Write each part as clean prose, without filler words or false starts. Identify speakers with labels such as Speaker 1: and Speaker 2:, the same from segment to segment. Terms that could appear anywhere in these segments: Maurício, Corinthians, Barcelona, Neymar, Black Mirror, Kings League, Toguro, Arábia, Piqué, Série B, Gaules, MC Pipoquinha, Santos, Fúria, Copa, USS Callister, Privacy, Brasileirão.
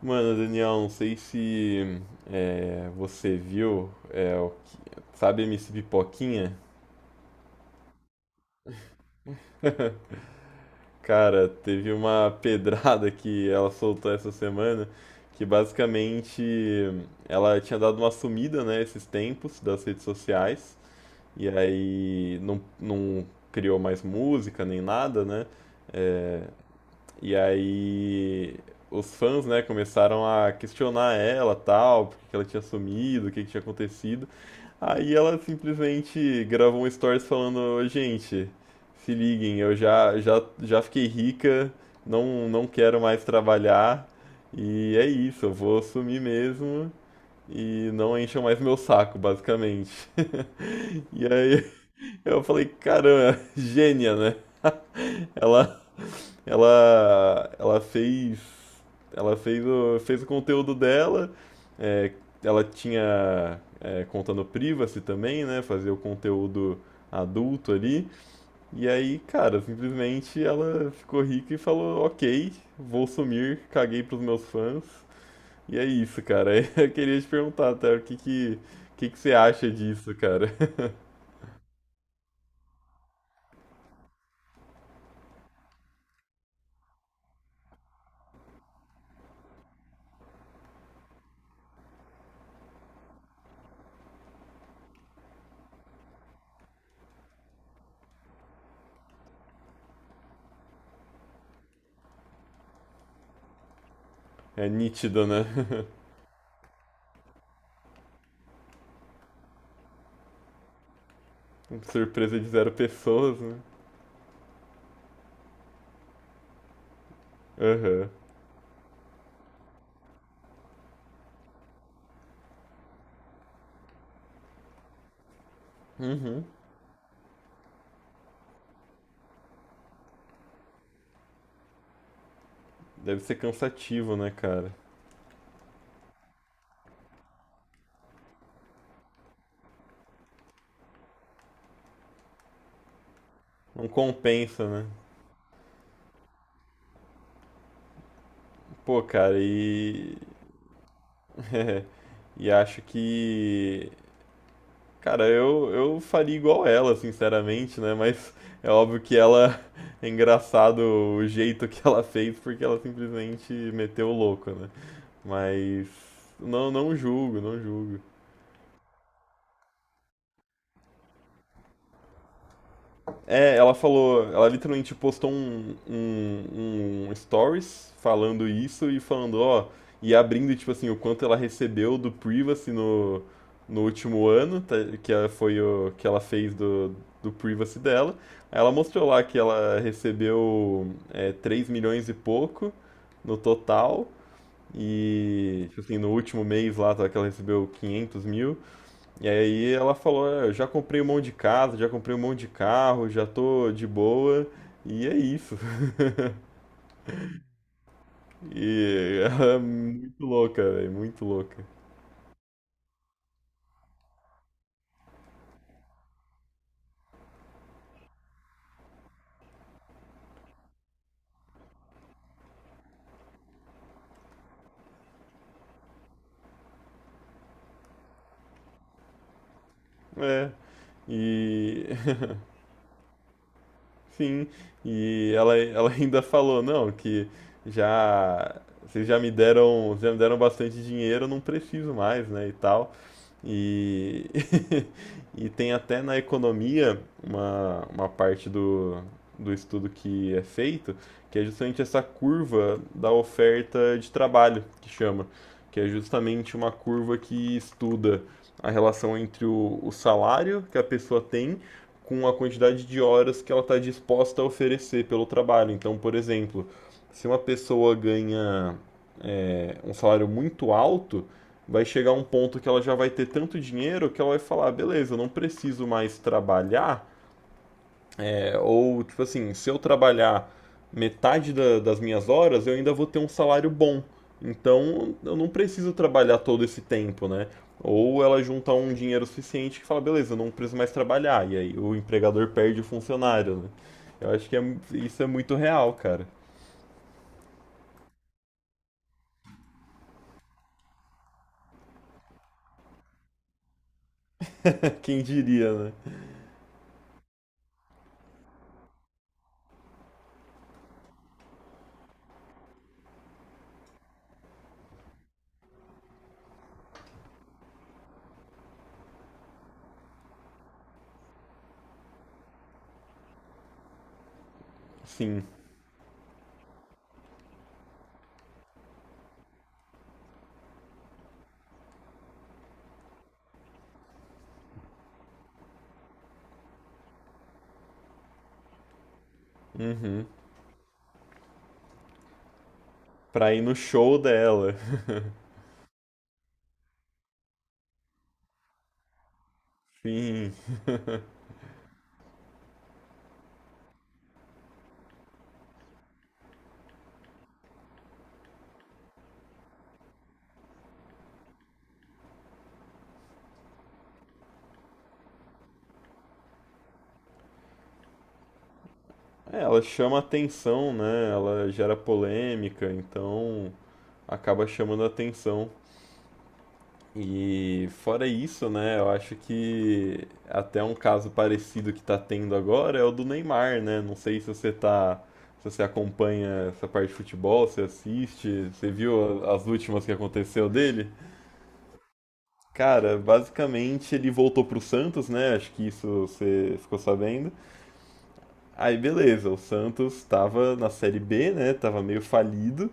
Speaker 1: Mano, Daniel, não sei se você viu, sabe MC Pipoquinha? Cara, teve uma pedrada que ela soltou essa semana, que basicamente ela tinha dado uma sumida, né, esses tempos das redes sociais, e aí não criou mais música nem nada, né? E aí os fãs, né, começaram a questionar ela, tal, porque ela tinha sumido, o que que tinha acontecido. Aí ela simplesmente gravou um stories falando, "Ô, gente, se liguem, eu já fiquei rica, não quero mais trabalhar, e é isso, eu vou sumir mesmo e não encham mais meu saco, basicamente." E aí eu falei, caramba, gênia, né? Ela, ela fez o conteúdo dela. é, Ela tinha conta no Privacy também, né? Fazia o conteúdo adulto ali. E aí, cara, simplesmente ela ficou rica e falou: "Ok, vou sumir, caguei pros meus fãs." E é isso, cara. Eu queria te perguntar, até o que que você acha disso, cara? É nítido, né? Surpresa de zero pessoas, né? Aham. Uhum. Deve ser cansativo, né, cara? Não compensa, né? Pô, cara, e. E acho que. Cara, eu faria igual ela, sinceramente, né? Mas é óbvio que ela. É engraçado o jeito que ela fez, porque ela simplesmente meteu o louco, né? Mas. Não, não julgo, não julgo. É, ela falou, ela literalmente postou um stories falando isso e falando, ó, e abrindo, tipo assim, o quanto ela recebeu do Privacy no último ano, tá, que ela foi o que ela fez do Privacy dela. Aí ela mostrou lá que ela recebeu 3 milhões e pouco no total, e, tipo assim, no último mês lá, tá, que ela recebeu 500 mil. E aí ela falou, "É, eu já comprei um monte de casa, já comprei um monte de carro, já tô de boa, e é isso." E ela é muito louca, velho, muito louca. É. E sim, e ela ainda falou, não, que já vocês já me deram bastante dinheiro, eu não preciso mais, né, e tal. E, e tem até na economia uma parte do estudo que é feito, que é justamente essa curva da oferta de trabalho, que chama, que é justamente uma curva que estuda a relação entre o salário que a pessoa tem com a quantidade de horas que ela está disposta a oferecer pelo trabalho. Então, por exemplo, se uma pessoa ganha um salário muito alto, vai chegar um ponto que ela já vai ter tanto dinheiro que ela vai falar: "Ah, beleza, eu não preciso mais trabalhar, ou, tipo assim, se eu trabalhar metade das minhas horas, eu ainda vou ter um salário bom. Então, eu não preciso trabalhar todo esse tempo, né? Ou ela junta um dinheiro suficiente que fala, beleza, eu não preciso mais trabalhar." E aí o empregador perde o funcionário, né? Eu acho que isso é muito real, cara. Quem diria, né? Sim. Uhum. Pra ir no show dela. Sim. É, ela chama atenção, né? Ela gera polêmica, então acaba chamando atenção. E fora isso, né, eu acho que até um caso parecido que tá tendo agora é o do Neymar, né? Não sei se você tá, se você acompanha essa parte de futebol, se assiste, você viu as últimas que aconteceu dele? Cara, basicamente ele voltou pro Santos, né? Acho que isso você ficou sabendo. Aí beleza, o Santos tava na Série B, né? Tava meio falido.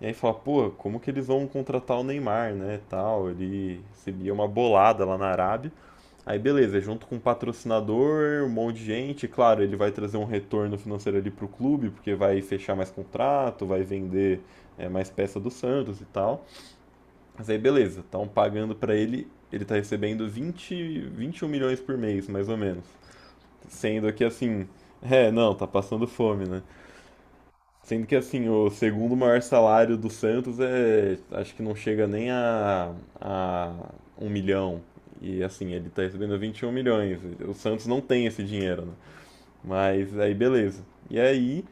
Speaker 1: E aí fala, pô, como que eles vão contratar o Neymar, né, tal, ele recebia uma bolada lá na Arábia. Aí beleza, junto com um patrocinador, um monte de gente, claro, ele vai trazer um retorno financeiro ali pro clube, porque vai fechar mais contrato, vai vender mais peça do Santos e tal. Mas aí beleza, estão pagando pra ele, tá recebendo 20, 21 milhões por mês, mais ou menos. Sendo que assim, não, tá passando fome, né? Sendo que assim, o segundo maior salário do Santos é, acho que não chega nem a um milhão. E assim, ele tá recebendo 21 milhões. O Santos não tem esse dinheiro, né? Mas aí beleza. E aí,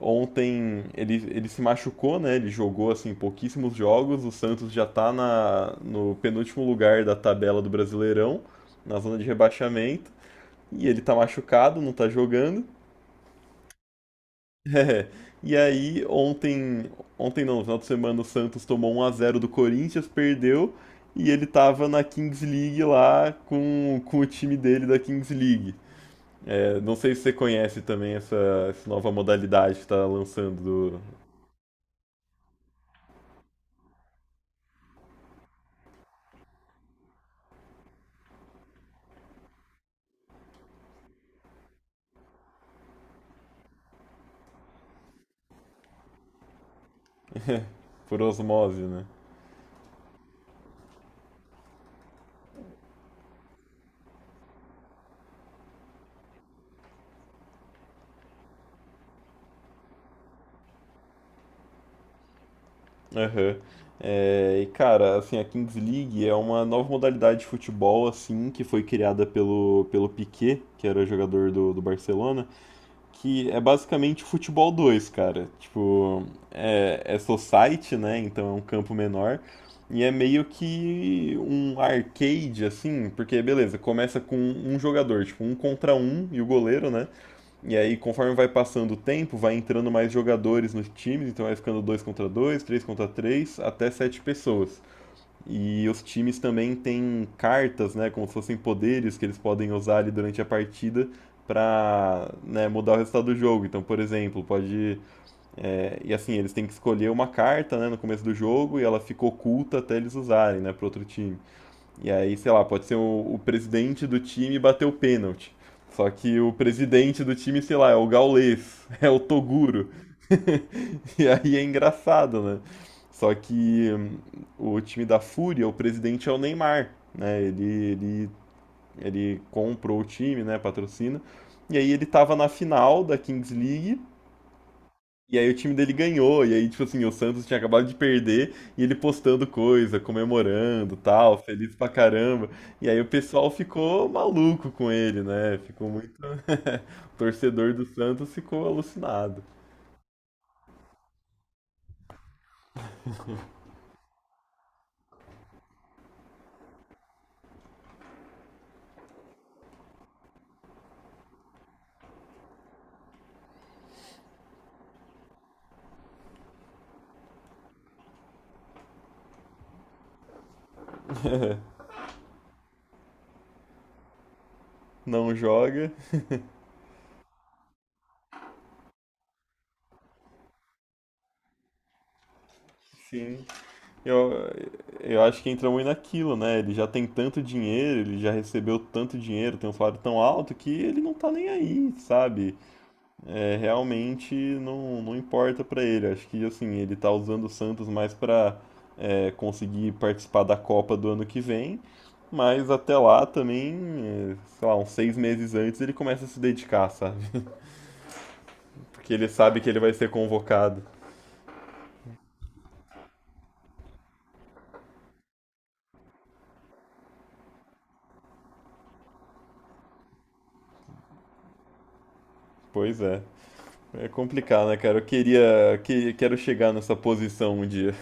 Speaker 1: ontem ele se machucou, né? Ele jogou assim pouquíssimos jogos. O Santos já tá no penúltimo lugar da tabela do Brasileirão, na zona de rebaixamento. E ele tá machucado, não tá jogando. É. E aí, ontem, ontem não, no final de semana, o Santos tomou 1 a 0 do Corinthians, perdeu, e ele tava na Kings League lá com o time dele da Kings League. É, não sei se você conhece também essa nova modalidade que tá lançando por osmose, né? Aham. É, e cara, assim, a Kings League é uma nova modalidade de futebol, assim, que foi criada pelo Piqué, que era jogador do Barcelona. Que é basicamente futebol 2, cara. Tipo, é society, né? Então é um campo menor. E é meio que um arcade, assim, porque beleza, começa com um jogador, tipo, um contra um e o goleiro, né? E aí, conforme vai passando o tempo, vai entrando mais jogadores nos times, então vai ficando dois contra dois, três contra três, até sete pessoas. E os times também têm cartas, né, como se fossem poderes que eles podem usar ali durante a partida para né mudar o resultado do jogo. Então, por exemplo, pode. E assim, eles têm que escolher uma carta, né, no começo do jogo e ela fica oculta até eles usarem, né, para outro time. E aí, sei lá, pode ser o presidente do time bater o pênalti. Só que o presidente do time, sei lá, é o Gaules, é o Toguro. E aí é engraçado, né? Só que o time da Fúria, o presidente é o Neymar, né? Ele, ele comprou o time, né? Patrocina. E aí ele tava na final da Kings League. E aí o time dele ganhou. E aí, tipo assim, o Santos tinha acabado de perder. E ele postando coisa, comemorando, tal, feliz pra caramba. E aí o pessoal ficou maluco com ele, né? Ficou muito. O torcedor do Santos ficou alucinado. Não joga, sim. Eu, eu acho que entra muito naquilo, né? Ele já tem tanto dinheiro, ele já recebeu tanto dinheiro, tem um salário tão alto que ele não tá nem aí, sabe? É, realmente não importa pra ele. Acho que assim, ele tá usando o Santos mais pra conseguir participar da Copa do ano que vem, mas até lá também, sei lá, uns 6 meses antes ele começa a se dedicar, sabe? Porque ele sabe que ele vai ser convocado. Pois é. É complicado, né, cara? Eu quero chegar nessa posição um dia.